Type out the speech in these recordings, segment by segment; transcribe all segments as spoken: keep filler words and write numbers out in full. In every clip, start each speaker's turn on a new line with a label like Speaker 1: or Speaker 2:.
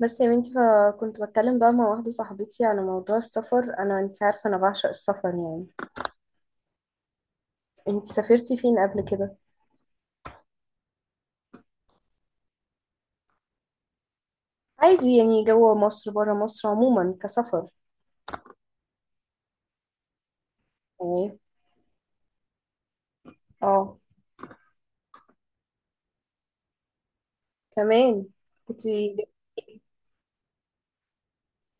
Speaker 1: بس يا بنتي فكنت بتكلم بقى مع واحدة صاحبتي على موضوع السفر. أنا، أنت عارفة، أنا بعشق السفر يعني. أنت سافرتي فين قبل كده؟ عادي يعني، جوه مصر برا مصر عموما كسفر يعني. اه. كمان. كنت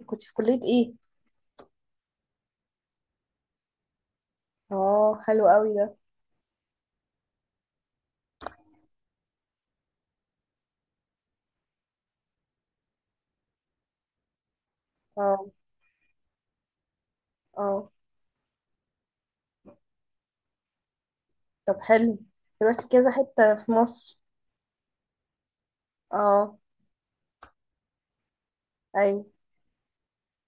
Speaker 1: كنت في كلية ايه؟ اه، حلو قوي ده. اه. اه طب حلو، رحت كذا حتة في مصر. اه. أيوة.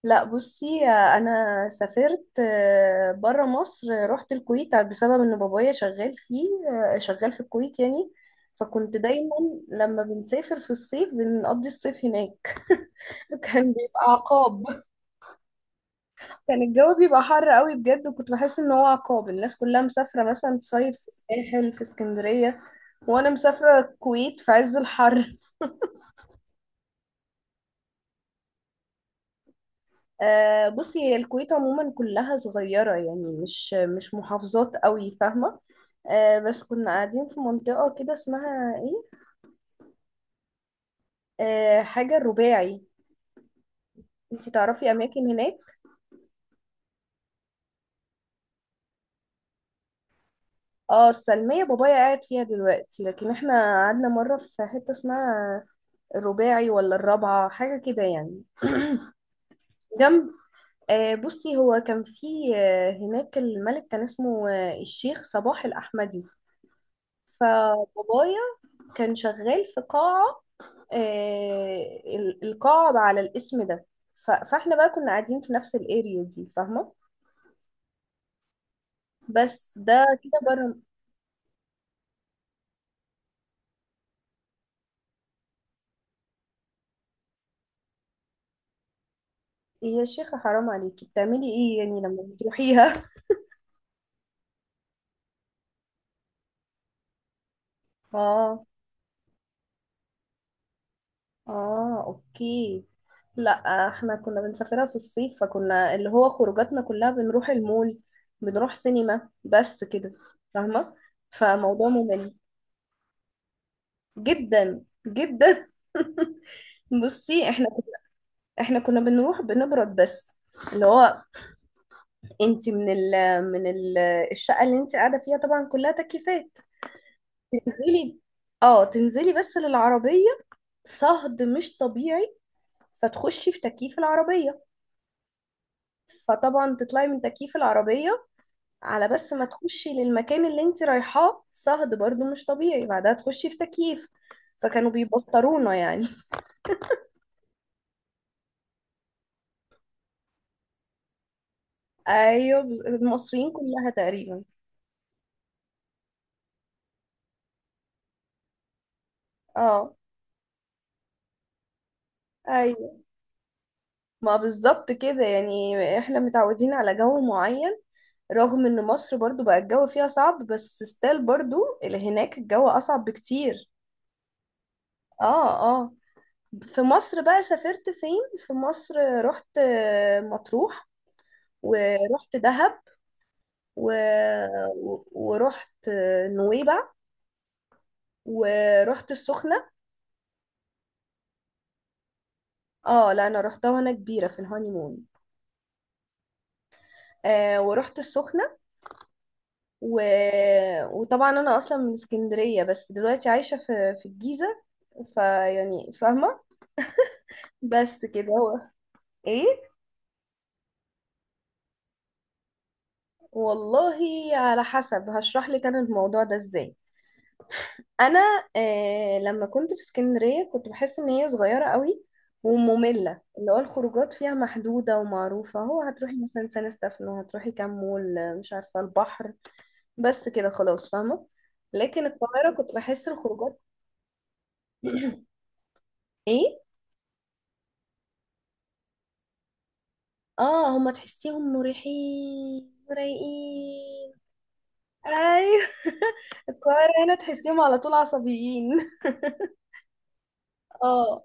Speaker 1: لا بصي، انا سافرت آه، بره مصر، رحت الكويت بسبب ان بابايا شغال فيه. آه، شغال في الكويت يعني. فكنت دايما لما بنسافر في الصيف بنقضي الصيف هناك. كان بيبقى عقاب. كان الجو بيبقى حر قوي بجد، وكنت بحس ان هو عقاب. الناس كلها مسافرة مثلا تصيف في الساحل في اسكندرية، وانا مسافرة الكويت في عز الحر. آه، بصي هي الكويت عموما كلها صغيرة يعني، مش مش محافظات قوي، فاهمة. آه، بس كنا قاعدين في منطقة كده اسمها ايه، آه، حاجة الرباعي. انتي تعرفي اماكن هناك؟ اه، السلمية بابايا قاعد فيها دلوقتي، لكن احنا قعدنا مرة في حتة اسمها الرباعي ولا الرابعة حاجة كده يعني، جنب. آه، بصي هو كان في، آه، هناك الملك كان اسمه آه، الشيخ صباح الأحمدي. فبابايا كان شغال في قاعة، آه، ال- القاعة على الاسم ده. ف- فاحنا بقى كنا قاعدين في نفس الاريا دي، فاهمة. بس ده كده بره. يا شيخة حرام عليكي، بتعملي ايه يعني لما بتروحيها؟ اه. اه اوكي. لا احنا كنا بنسافرها في الصيف، فكنا اللي هو خروجاتنا كلها بنروح المول، بنروح سينما، بس كده، فاهمة. فموضوع ممل جدا جدا. بصي احنا احنا كنا بنروح بنبرد بس. اللي هو انت من ال من ال الشقه اللي انت قاعده فيها طبعا كلها تكييفات، تنزلي، اه تنزلي بس للعربيه، صهد مش طبيعي، فتخشي في تكييف العربيه، فطبعا تطلعي من تكييف العربيه على، بس ما تخشي للمكان اللي انت رايحاه صهد برضو مش طبيعي، بعدها تخشي في تكييف. فكانوا بيبطرونا يعني. ايوه، بز- المصريين كلها تقريبا. اه. ايوه. ما بالظبط كده يعني، احنا متعودين على جو معين. رغم ان مصر برضو بقى الجو فيها صعب بس ستيل برضو اللي هناك الجو اصعب بكتير. اه. اه. في مصر بقى سافرت فين في مصر؟ رحت آه، مطروح، ورحت دهب، و... و- ورحت آه، نويبع، ورحت السخنة. اه لا انا رحتها وانا كبيرة، في الهانيمون. آه ورحت السخنة. و... وطبعا انا اصلا من اسكندرية، بس دلوقتي عايشة في في الجيزة، فيعني فاهمة. بس كده هو. ايه؟ والله، على حسب، هشرح لك انا الموضوع ده ازاي. انا آه لما كنت في اسكندريه كنت بحس ان هي صغيره قوي وممله، اللي هو الخروجات فيها محدوده ومعروفه، هو هتروحي مثلا سان ستefانو، هتروحي كام مول، آه، مش عارفه البحر، بس كده خلاص، فاهمه. لكن القاهره كنت بحس الخروجات. ايه. اه، هما تحسيهم مريحين ورايقين. ايوه. القاهره هنا تحسيهم على طول عصبيين. اه.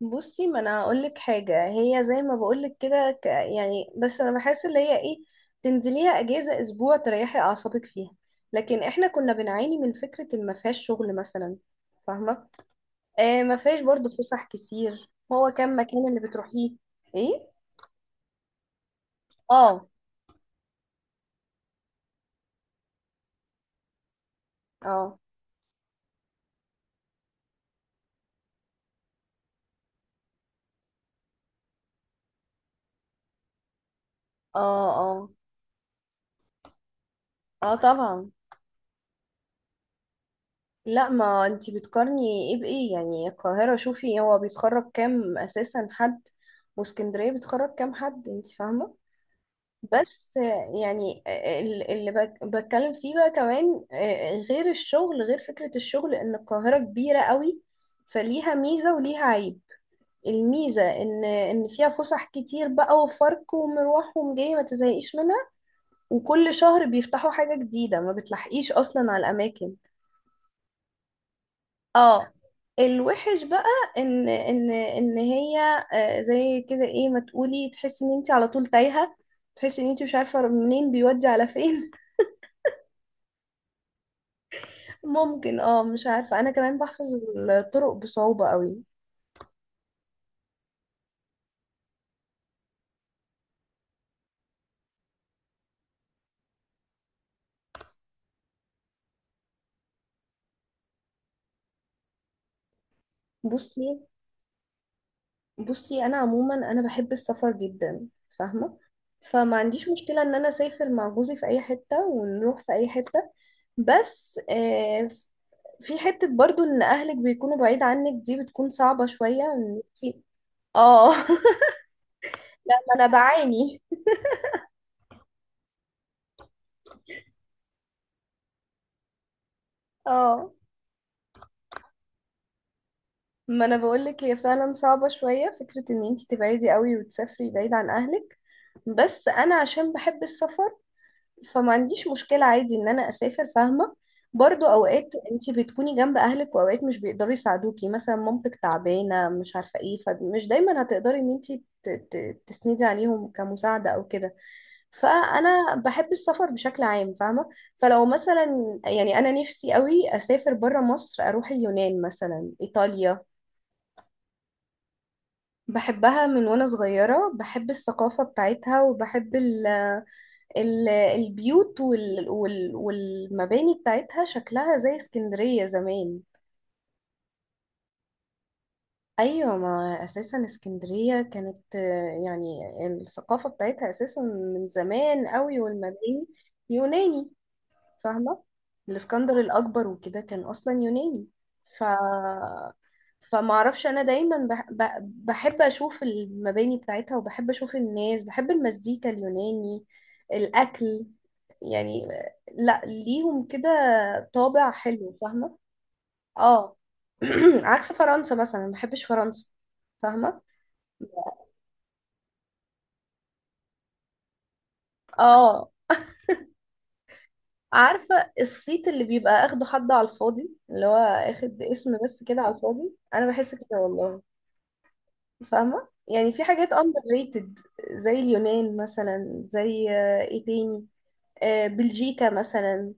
Speaker 1: بصي ما انا هقول لك حاجه، هي زي ما بقول لك كده، ك- يعني، بس انا بحس اللي هي ايه، تنزليها اجازه اسبوع تريحي اعصابك فيها. لكن احنا كنا بنعاني من فكره إن ما فيهاش شغل مثلا، فاهمه. آه ما فيهاش برضو فسح كتير، هو كان مكان اللي بتروحيه. ايه. اه. اه. اه اه. اه طبعا. لا ما انتي بتقارني ايه بايه يعني؟ القاهره شوفي هو بيتخرج كام اساسا حد، واسكندريه بيتخرج كام حد، انتي فاهمه. بس يعني ال- اللي بك- بتكلم فيه بقى كمان، آه، غير الشغل، غير فكرة الشغل ان القاهرة كبيرة قوي، فليها ميزة وليها عيب. الميزة ان ان فيها فسح كتير بقى، وفرق ومروح ومجاي، ما تزهقيش منها. وكل شهر بيفتحوا حاجة جديدة، ما بتلحقيش اصلا على الاماكن. اه. الوحش بقى ان ان ان هي آه، زي كده ايه ما تقولي، تحسي ان انت على طول تايهة، تحسي ان انت مش عارفة منين بيودي على فين. ممكن، اه، مش عارفة، انا كمان بحفظ الطرق بصعوبة قوي. بصي. بصي انا عموما انا بحب السفر جدا، فاهمة. فما عنديش مشكلة ان انا اسافر مع جوزي في اي حتة ونروح في اي حتة. بس آه في حتة برضو ان اهلك بيكونوا بعيد عنك دي بتكون صعبة شوية، ان انتي... اه. لا ما انا بعاني. اه ما انا بقولك هي فعلا صعبة شوية فكرة ان انتي تبعدي قوي وتسافري بعيد عن اهلك، بس انا عشان بحب السفر فما عنديش مشكلة عادي ان انا اسافر، فاهمة. برضو اوقات انتي بتكوني جنب اهلك واوقات مش بيقدروا يساعدوكي، مثلا مامتك تعبانة مش عارفة ايه، فمش دايما هتقدري ان انتي ت- ت- تسندي عليهم كمساعدة او كده. فانا بحب السفر بشكل عام، فاهمة. فلو مثلا يعني انا نفسي قوي اسافر برا مصر، اروح اليونان مثلا، ايطاليا. بحبها من وانا صغيرة، بحب الثقافة بتاعتها وبحب ال، ال- البيوت وال وال والمباني بتاعتها، شكلها زي اسكندرية زمان. ايوه، ما اساسا اسكندرية كانت آه، يعني الثقافة بتاعتها اساسا من زمان قوي، والمباني يوناني، فاهمة. الاسكندر الاكبر وكده كان اصلا يوناني. ف فما اعرفش، انا دايما بح... ب- بحب اشوف المباني بتاعتها، وبحب اشوف الناس، بحب المزيكا اليوناني، الاكل. يعني آه، لا، ليهم كده طابع حلو، فاهمة. اه. عكس فرنسا مثلا، ما بحبش فرنسا، فاهمة. اه. عارفة الصيت اللي بيبقى اخده حد على الفاضي، اللي هو اخد اسم بس كده على الفاضي، انا بحس كده والله. فاهمة يعني، في حاجات underrated، زي اليونان مثلا، زي آه، ايه تاني، آه، بلجيكا مثلا.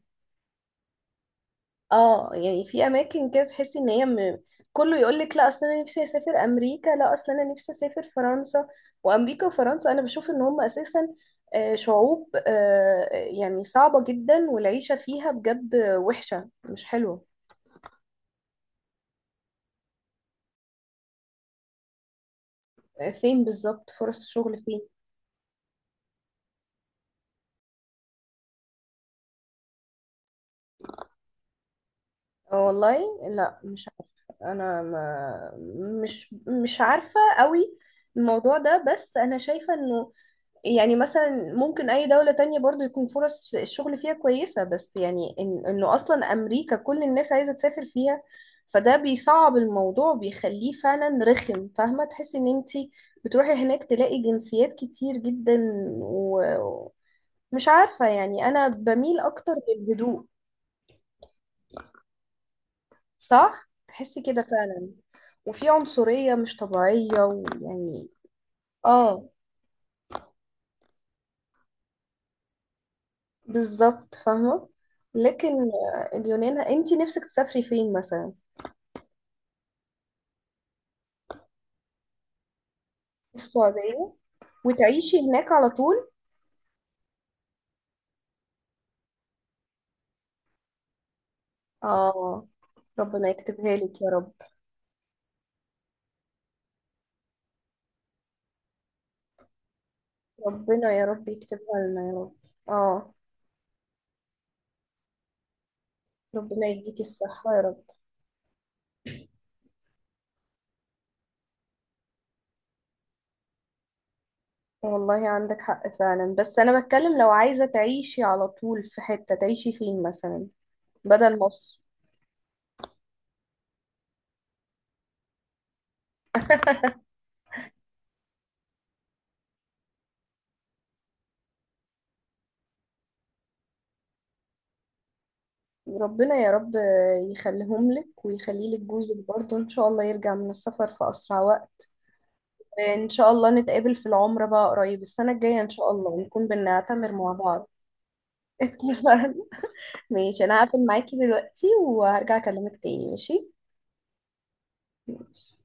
Speaker 1: اه يعني في اماكن كده تحسي ان هي م... كله يقول لك لا اصل انا نفسي اسافر امريكا، لا اصل انا نفسي اسافر فرنسا، وامريكا وفرنسا انا بشوف ان هم اساسا آه، شعوب آه، يعني صعبة جدا، والعيشة فيها بجد وحشة مش حلوة. آه، فين بالظبط فرص الشغل فين؟ آه، والله لا مش عارفة. انا ما مش مش عارفة قوي الموضوع ده، بس انا شايفة انه يعني مثلا ممكن اي دولة تانية برضو يكون فرص الشغل فيها كويسة، بس يعني إن انه اصلا امريكا كل الناس عايزة تسافر فيها فده بيصعب الموضوع، بيخليه فعلا رخم، فاهمة. تحسي ان انتي بتروحي هناك تلاقي جنسيات كتير جدا، و- ومش عارفة، يعني انا بميل اكتر للهدوء. صح، تحسي كده فعلا. وفي عنصرية مش طبيعية، ويعني. اه بالظبط، فاهمة. لكن آه، اليونان، انتي نفسك تسافري فين مثلا؟ السعودية؟ وتعيشي هناك على طول؟ اه. ربنا يكتبها لك يا رب. ربنا يا رب يكتبها لنا يا رب. اه. ربنا يديكي الصحة يا رب. والله عندك حق فعلا، بس أنا بتكلم لو عايزة تعيشي على طول في حتة، تعيشي فين مثلا بدل مصر؟ ربنا يا رب يخليهم لك ويخلي لك جوزك برضه، إن شاء الله يرجع من السفر في أسرع وقت. إن شاء الله نتقابل في العمرة بقى قريب السنة الجاية إن شاء الله ونكون بنعتمر مع بعض. ماشي، انا هقفل معاكي دلوقتي وهرجع اكلمك تاني، ماشي؟ ماشي.